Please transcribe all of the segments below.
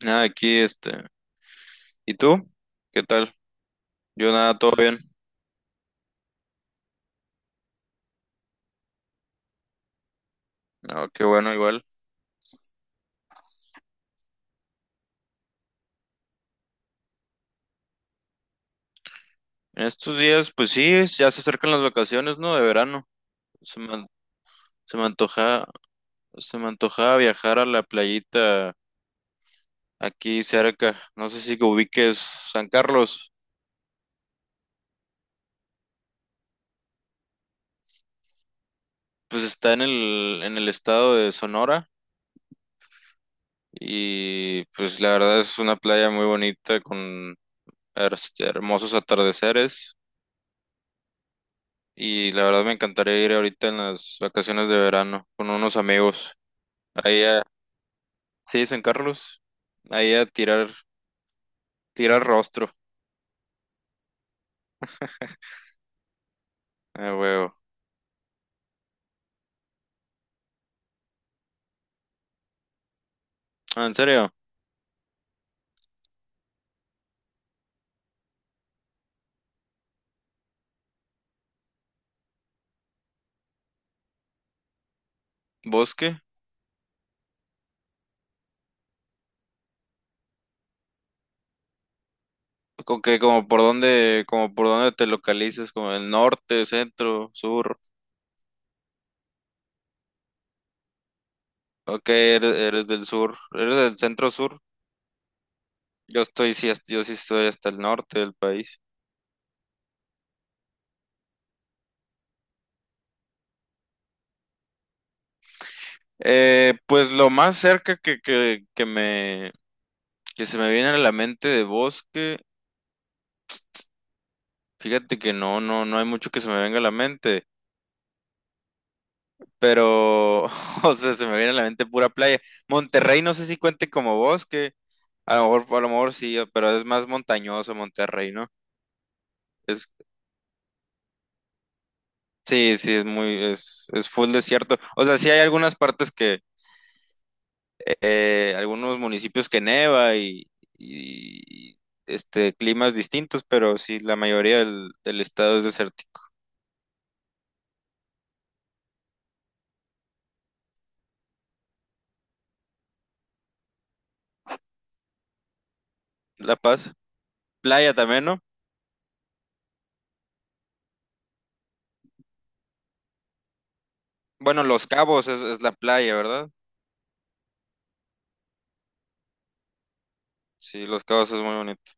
Nada, aquí ¿Y tú? ¿Qué tal? Yo nada, todo bien. Ah, qué bueno, igual. En estos días, pues sí, ya se acercan las vacaciones, ¿no? De verano. Se me, an- se me se me antoja viajar a la playita aquí cerca. No sé si que ubiques San Carlos. Pues está en el estado de Sonora. Y pues la verdad es una playa muy bonita con hermosos atardeceres. Y la verdad me encantaría ir ahorita en las vacaciones de verano con unos amigos. Ahí a, sí, San Carlos. Ahí a tirar, tirar rostro. Huevo. Ah, ¿en serio? ¿Bosque? ¿Con qué? Como por dónde te localizas? ¿Como el norte, centro, sur? Ok, eres del sur. ¿Eres del centro sur? Yo sí estoy hasta el norte del país. Pues lo más cerca que se me viene a la mente de bosque. Fíjate que no hay mucho que se me venga a la mente, pero, o sea, se me viene a la mente pura playa. Monterrey, no sé si cuente como bosque, a lo mejor sí, pero es más montañoso Monterrey, ¿no? Es, sí, es muy, es full desierto. O sea, sí hay algunas partes que, algunos municipios que neva y climas distintos, pero sí, la mayoría del estado es desértico. La Paz, playa también, ¿no? Bueno, Los Cabos es la playa, ¿verdad? Sí, Los Cabos es muy bonito.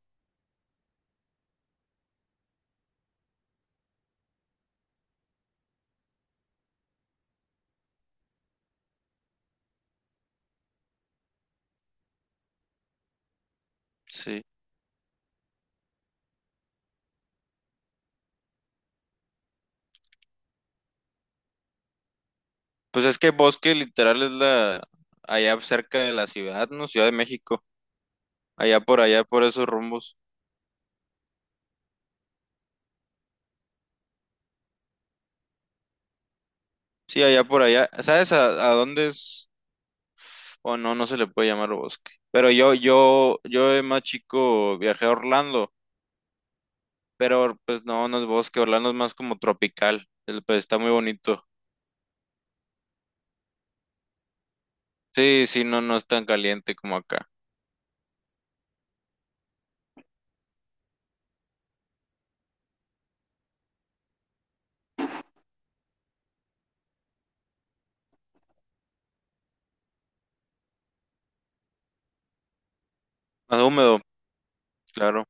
Sí. Pues es que bosque literal es la allá cerca de la ciudad, ¿no? Ciudad de México. Allá por allá, por esos rumbos. Sí, allá por allá. ¿Sabes a dónde es? O no, no se le puede llamar bosque. Pero yo de más chico viajé a Orlando, pero pues no, no es bosque. Orlando es más como tropical. Pues está muy bonito. Sí, sí, no, no es tan caliente como acá. Más húmedo, claro.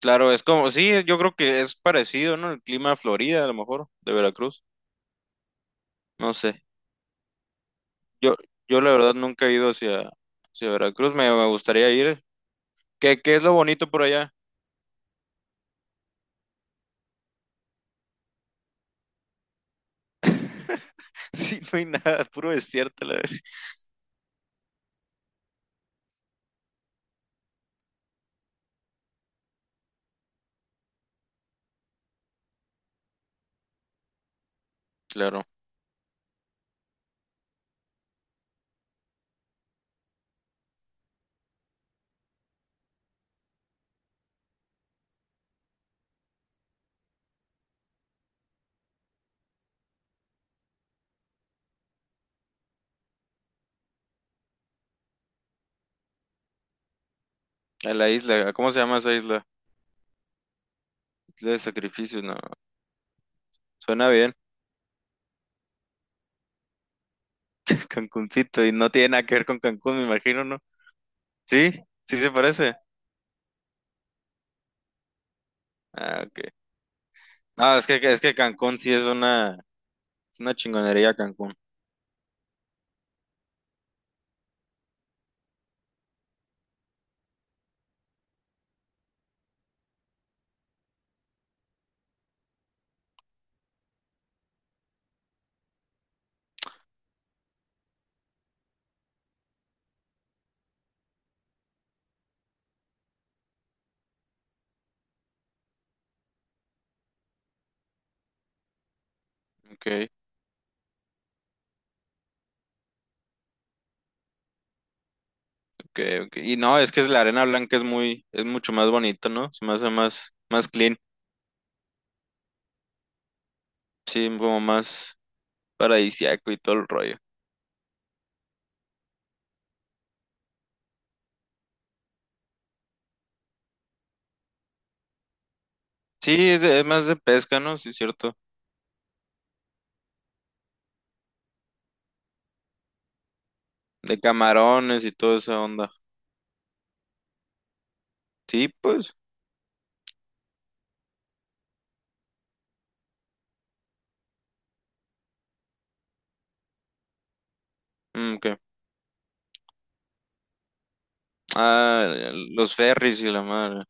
Claro, es como, sí, yo creo que es parecido, ¿no? El clima de Florida, a lo mejor, de Veracruz. No sé. Yo, yo la verdad nunca he ido hacia Veracruz. Me gustaría ir. ¿Qué es lo bonito por allá? Sí, no hay nada, puro desierto, la verdad. Claro. A la isla, ¿cómo se llama esa isla? Isla de sacrificios, no. Suena bien. Cancuncito, y no tiene nada que ver con Cancún, me imagino, ¿no? Sí, sí se parece. Ah, ok. Ah, es que Cancún sí es una chingonería Cancún. Ok, ok, ok. Y no, es la arena blanca es muy, es mucho más bonito, ¿no? Se me hace más, más clean. Sí, como más paradisiaco y todo el rollo. Sí, es, es más de pesca, ¿no? Sí, es cierto. De camarones y toda esa onda. Sí, pues. Mm, ¿qué? Ah, los ferries y la madre.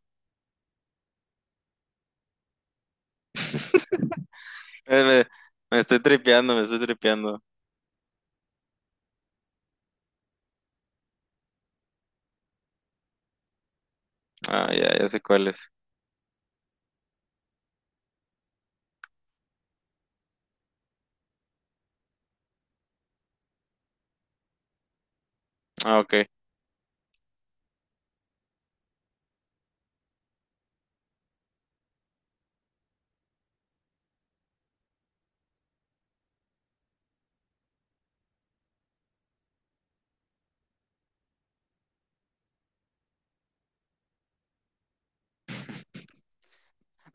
Me, me- me estoy tripeando, me estoy tripeando. Ah, ya, ya sé cuál es. Ah, ok.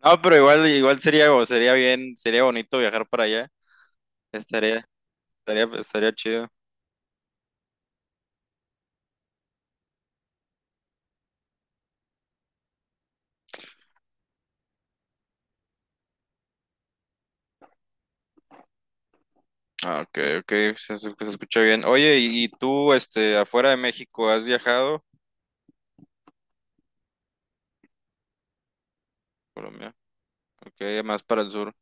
No, pero igual, igual sería, sería bien, sería bonito viajar para allá. Estaría, estaría chido. Ah, ok, se escucha bien. Oye, ¿y tú, este, afuera de México, has viajado? Colombia, ok, más para el sur,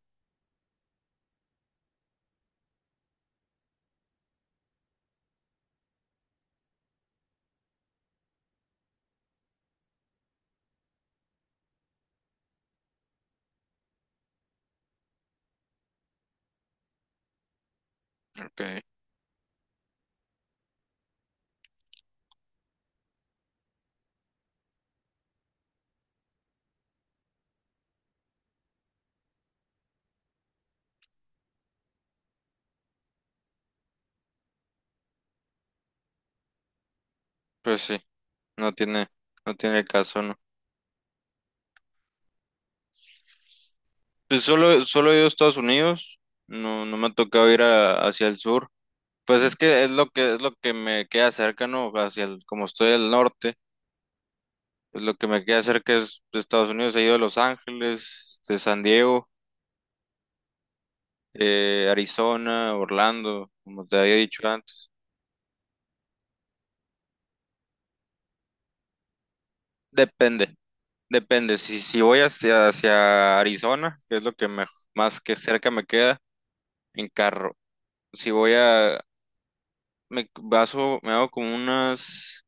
ok, pues sí. No tiene, no tiene caso, ¿no? Pues solo he ido a Estados Unidos, no, no me ha tocado hacia el sur. Pues es que es lo que me queda cerca, ¿no? Hacia el, como estoy al norte, pues lo que me queda cerca es de Estados Unidos, he ido a Los Ángeles, este, San Diego, Arizona, Orlando, como te había dicho antes. Depende, depende. Si voy hacia Arizona, que es lo que más que cerca me queda, en carro. Si voy a, me baso, me hago como unas,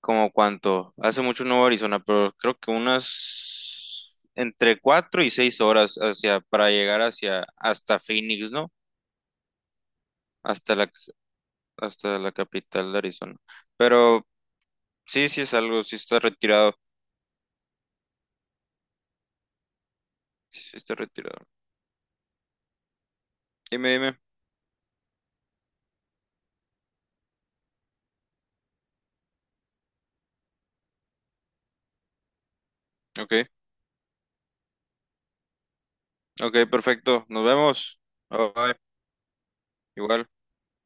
como cuánto, hace mucho no voy a Arizona, pero creo que unas entre 4 y 6 horas para llegar hasta Phoenix, ¿no? Hasta la, hasta la capital de Arizona. Pero sí, sí es algo, sí está retirado. Dime, dime. Ok, ok, perfecto, nos vemos. Bye, bye, igual.